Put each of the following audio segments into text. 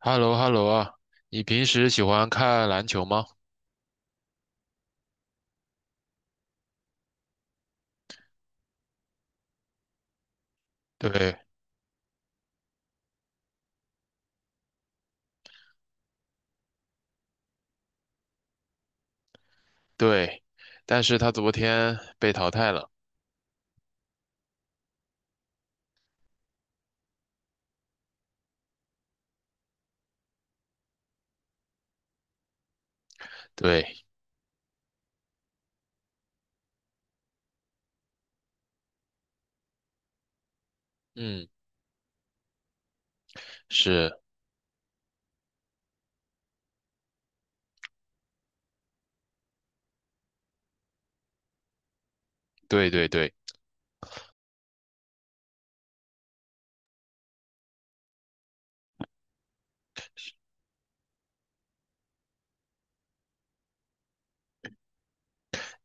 h e l l o h e l l o 啊，你平时喜欢看篮球吗？对对，但是他昨天被淘汰了。对，嗯，是，对对对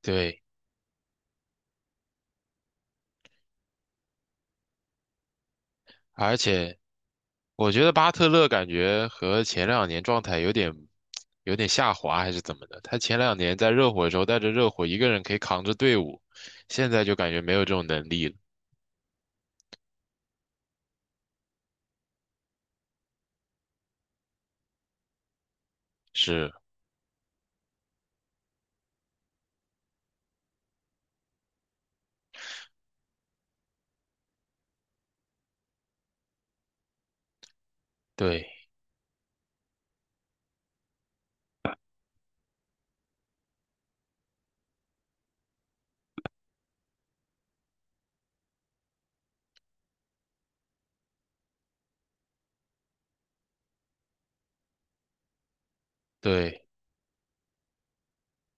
对，而且我觉得巴特勒感觉和前两年状态有点下滑，还是怎么的？他前两年在热火的时候带着热火一个人可以扛着队伍，现在就感觉没有这种能力了。是，对对。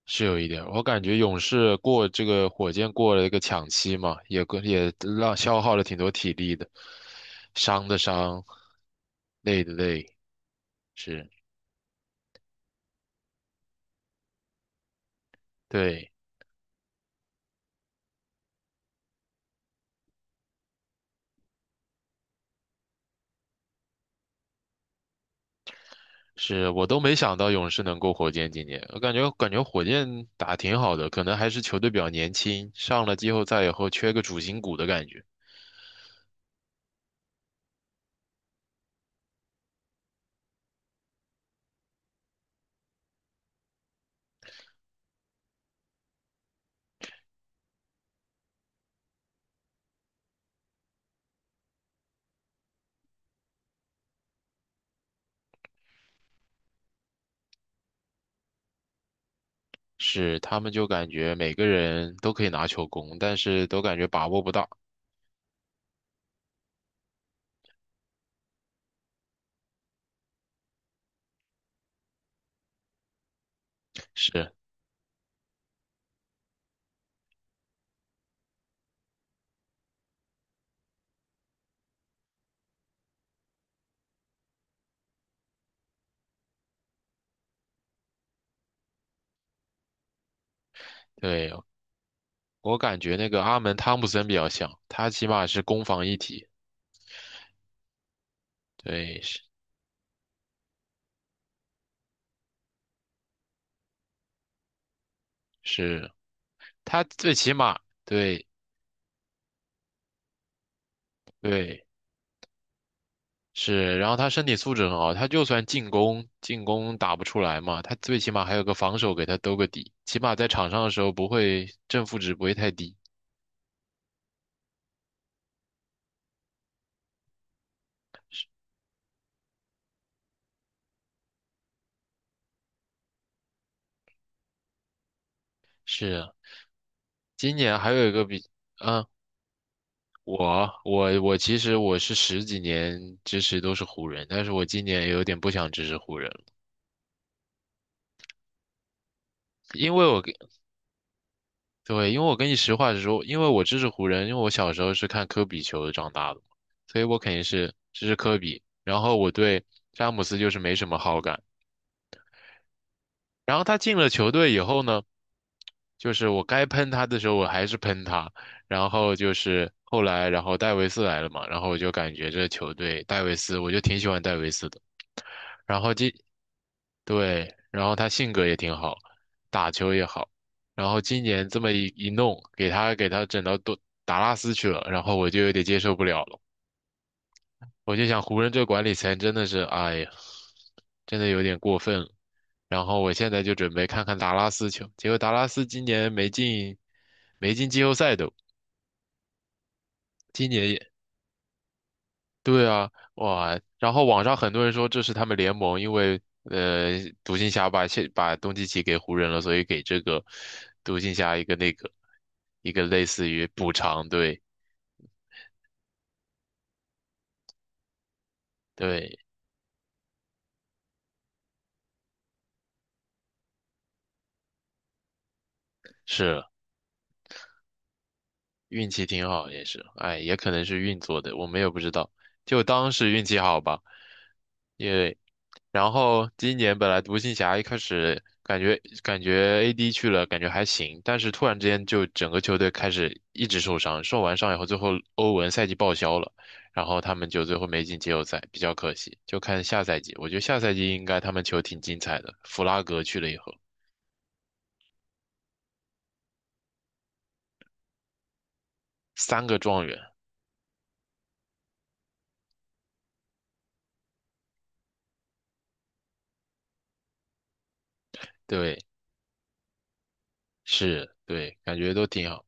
是有一点，我感觉勇士过这个火箭过了一个抢七嘛，也过也让消耗了挺多体力的，伤的伤，累的累，是，对，是我都没想到勇士能过火箭今年，我感觉火箭打挺好的，可能还是球队比较年轻，上了季后赛以后缺个主心骨的感觉，是他们就感觉每个人都可以拿球攻，但是都感觉把握不到，是。对，我感觉那个阿门汤普森比较像，他起码是攻防一体，对，是是，他最起码对对是，然后他身体素质很好，他就算进攻打不出来嘛，他最起码还有个防守给他兜个底，起码在场上的时候不会正负值不会太低。是啊，今年还有一个比，嗯，我其实我是十几年支持都是湖人，但是我今年也有点不想支持湖人了。因为我对，因为我跟你实话实说，因为我支持湖人，因为我小时候是看科比球长大的嘛，所以我肯定是支持科比。然后我对詹姆斯就是没什么好感。然后他进了球队以后呢？就是我该喷他的时候，我还是喷他。然后就是后来，然后戴维斯来了嘛，然后我就感觉这球队戴维斯，我就挺喜欢戴维斯的。然后今，对，然后他性格也挺好，打球也好。然后今年这么一弄，给他整到多达拉斯去了，然后我就有点接受不了了。我就想湖人这管理层真的是，哎呀，真的有点过分了。然后我现在就准备看看达拉斯球，结果达拉斯今年没进，没进季后赛都，今年也对啊，哇！然后网上很多人说这是他们联盟因为独行侠把东契奇给湖人了，所以给这个独行侠一个那个一个类似于补偿，对对是。运气挺好，也是，哎，也可能是运作的，我们也不知道，就当是运气好吧。因为然后今年本来独行侠一开始感觉AD 去了，感觉还行，但是突然之间就整个球队开始一直受伤，受完伤以后，最后欧文赛季报销了，然后他们就最后没进季后赛，比较可惜。就看下赛季，我觉得下赛季应该他们球挺精彩的。弗拉格去了以后，三个状元，对，是，对，感觉都挺好。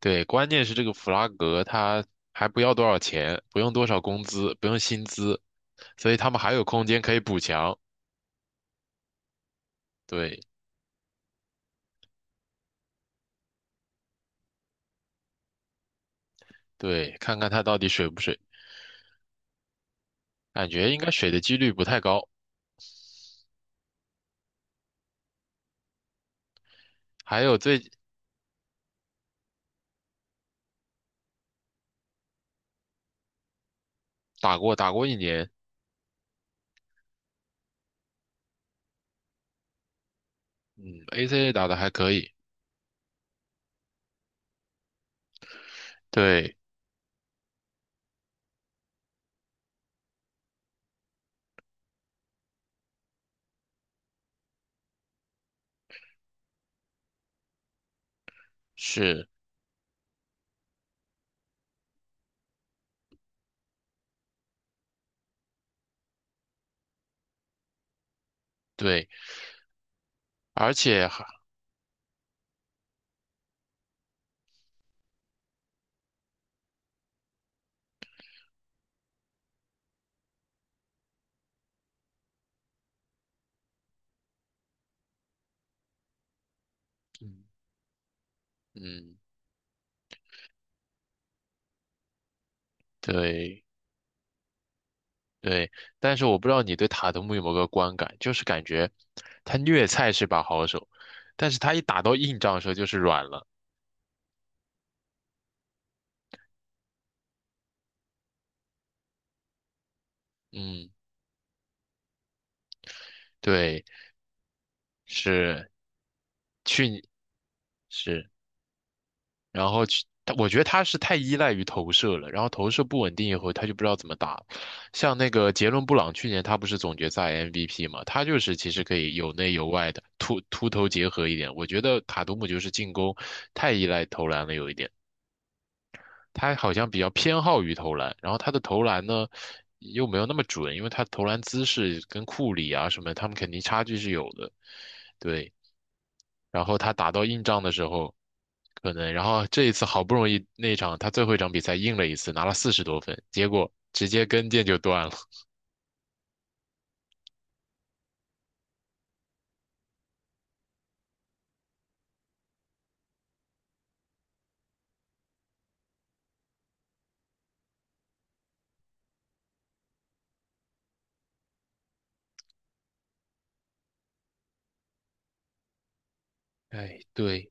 对，关键是这个弗拉格他还不要多少钱，不用多少工资，不用薪资，所以他们还有空间可以补强。对对，看看他到底水不水，感觉应该水的几率不太高。还有最打过一年，嗯，ACA 打的还可以。对，是，对，而且还，嗯嗯，对对，但是我不知道你对塔图姆有没有个观感，就是感觉他虐菜是把好手，但是他一打到硬仗的时候就是软了。嗯，对，是去年是，然后去，他我觉得他是太依赖于投射了，然后投射不稳定以后，他就不知道怎么打了。像那个杰伦布朗，去年他不是总决赛 MVP 嘛，他就是其实可以有内有外的突投结合一点。我觉得卡图姆就是进攻太依赖投篮了有一点，他好像比较偏好于投篮，然后他的投篮呢又没有那么准，因为他投篮姿势跟库里啊什么他们肯定差距是有的，对。然后他打到硬仗的时候，可能，然后这一次好不容易那一场他最后一场比赛硬了一次，拿了40多分，结果直接跟腱就断了。哎，对，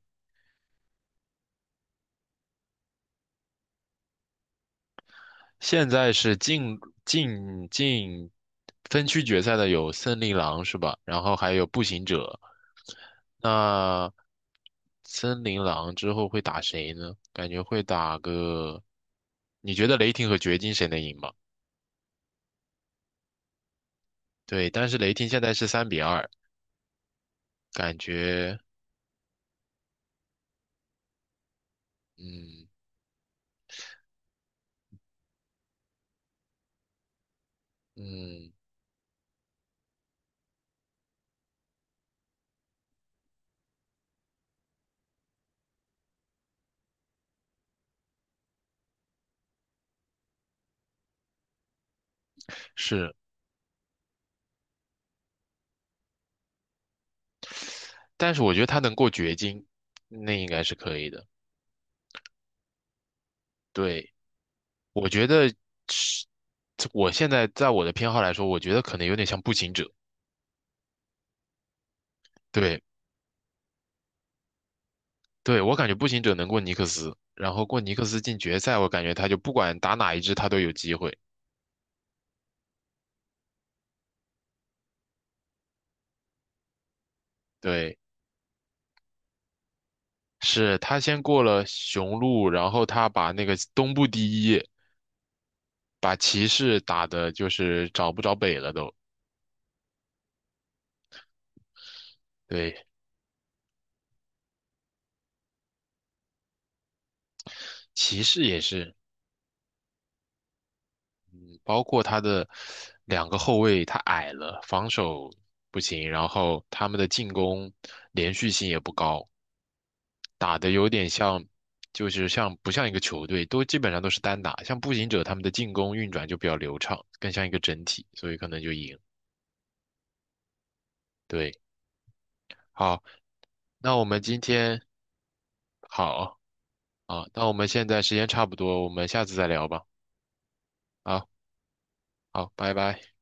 现在是进分区决赛的有森林狼是吧？然后还有步行者。那森林狼之后会打谁呢？感觉会打个，你觉得雷霆和掘金谁能赢吗？对，但是雷霆现在是3-2，感觉，嗯嗯。是，但是我觉得他能过掘金，那应该是可以的。对，我觉得是，我现在在我的偏好来说，我觉得可能有点像步行者。对，对，我感觉步行者能过尼克斯，然后过尼克斯进决赛，我感觉他就不管打哪一支，他都有机会。对，是他先过了雄鹿，然后他把那个东部第一，把骑士打的就是找不着北了都。对，骑士也是。包括他的两个后卫，他矮了，防守不行，然后他们的进攻连续性也不高，打的有点像，就是像不像一个球队，都基本上都是单打，像步行者他们的进攻运转就比较流畅，更像一个整体，所以可能就赢。对，好，那我们今天好啊，那我们现在时间差不多，我们下次再聊吧。啊，好，拜拜。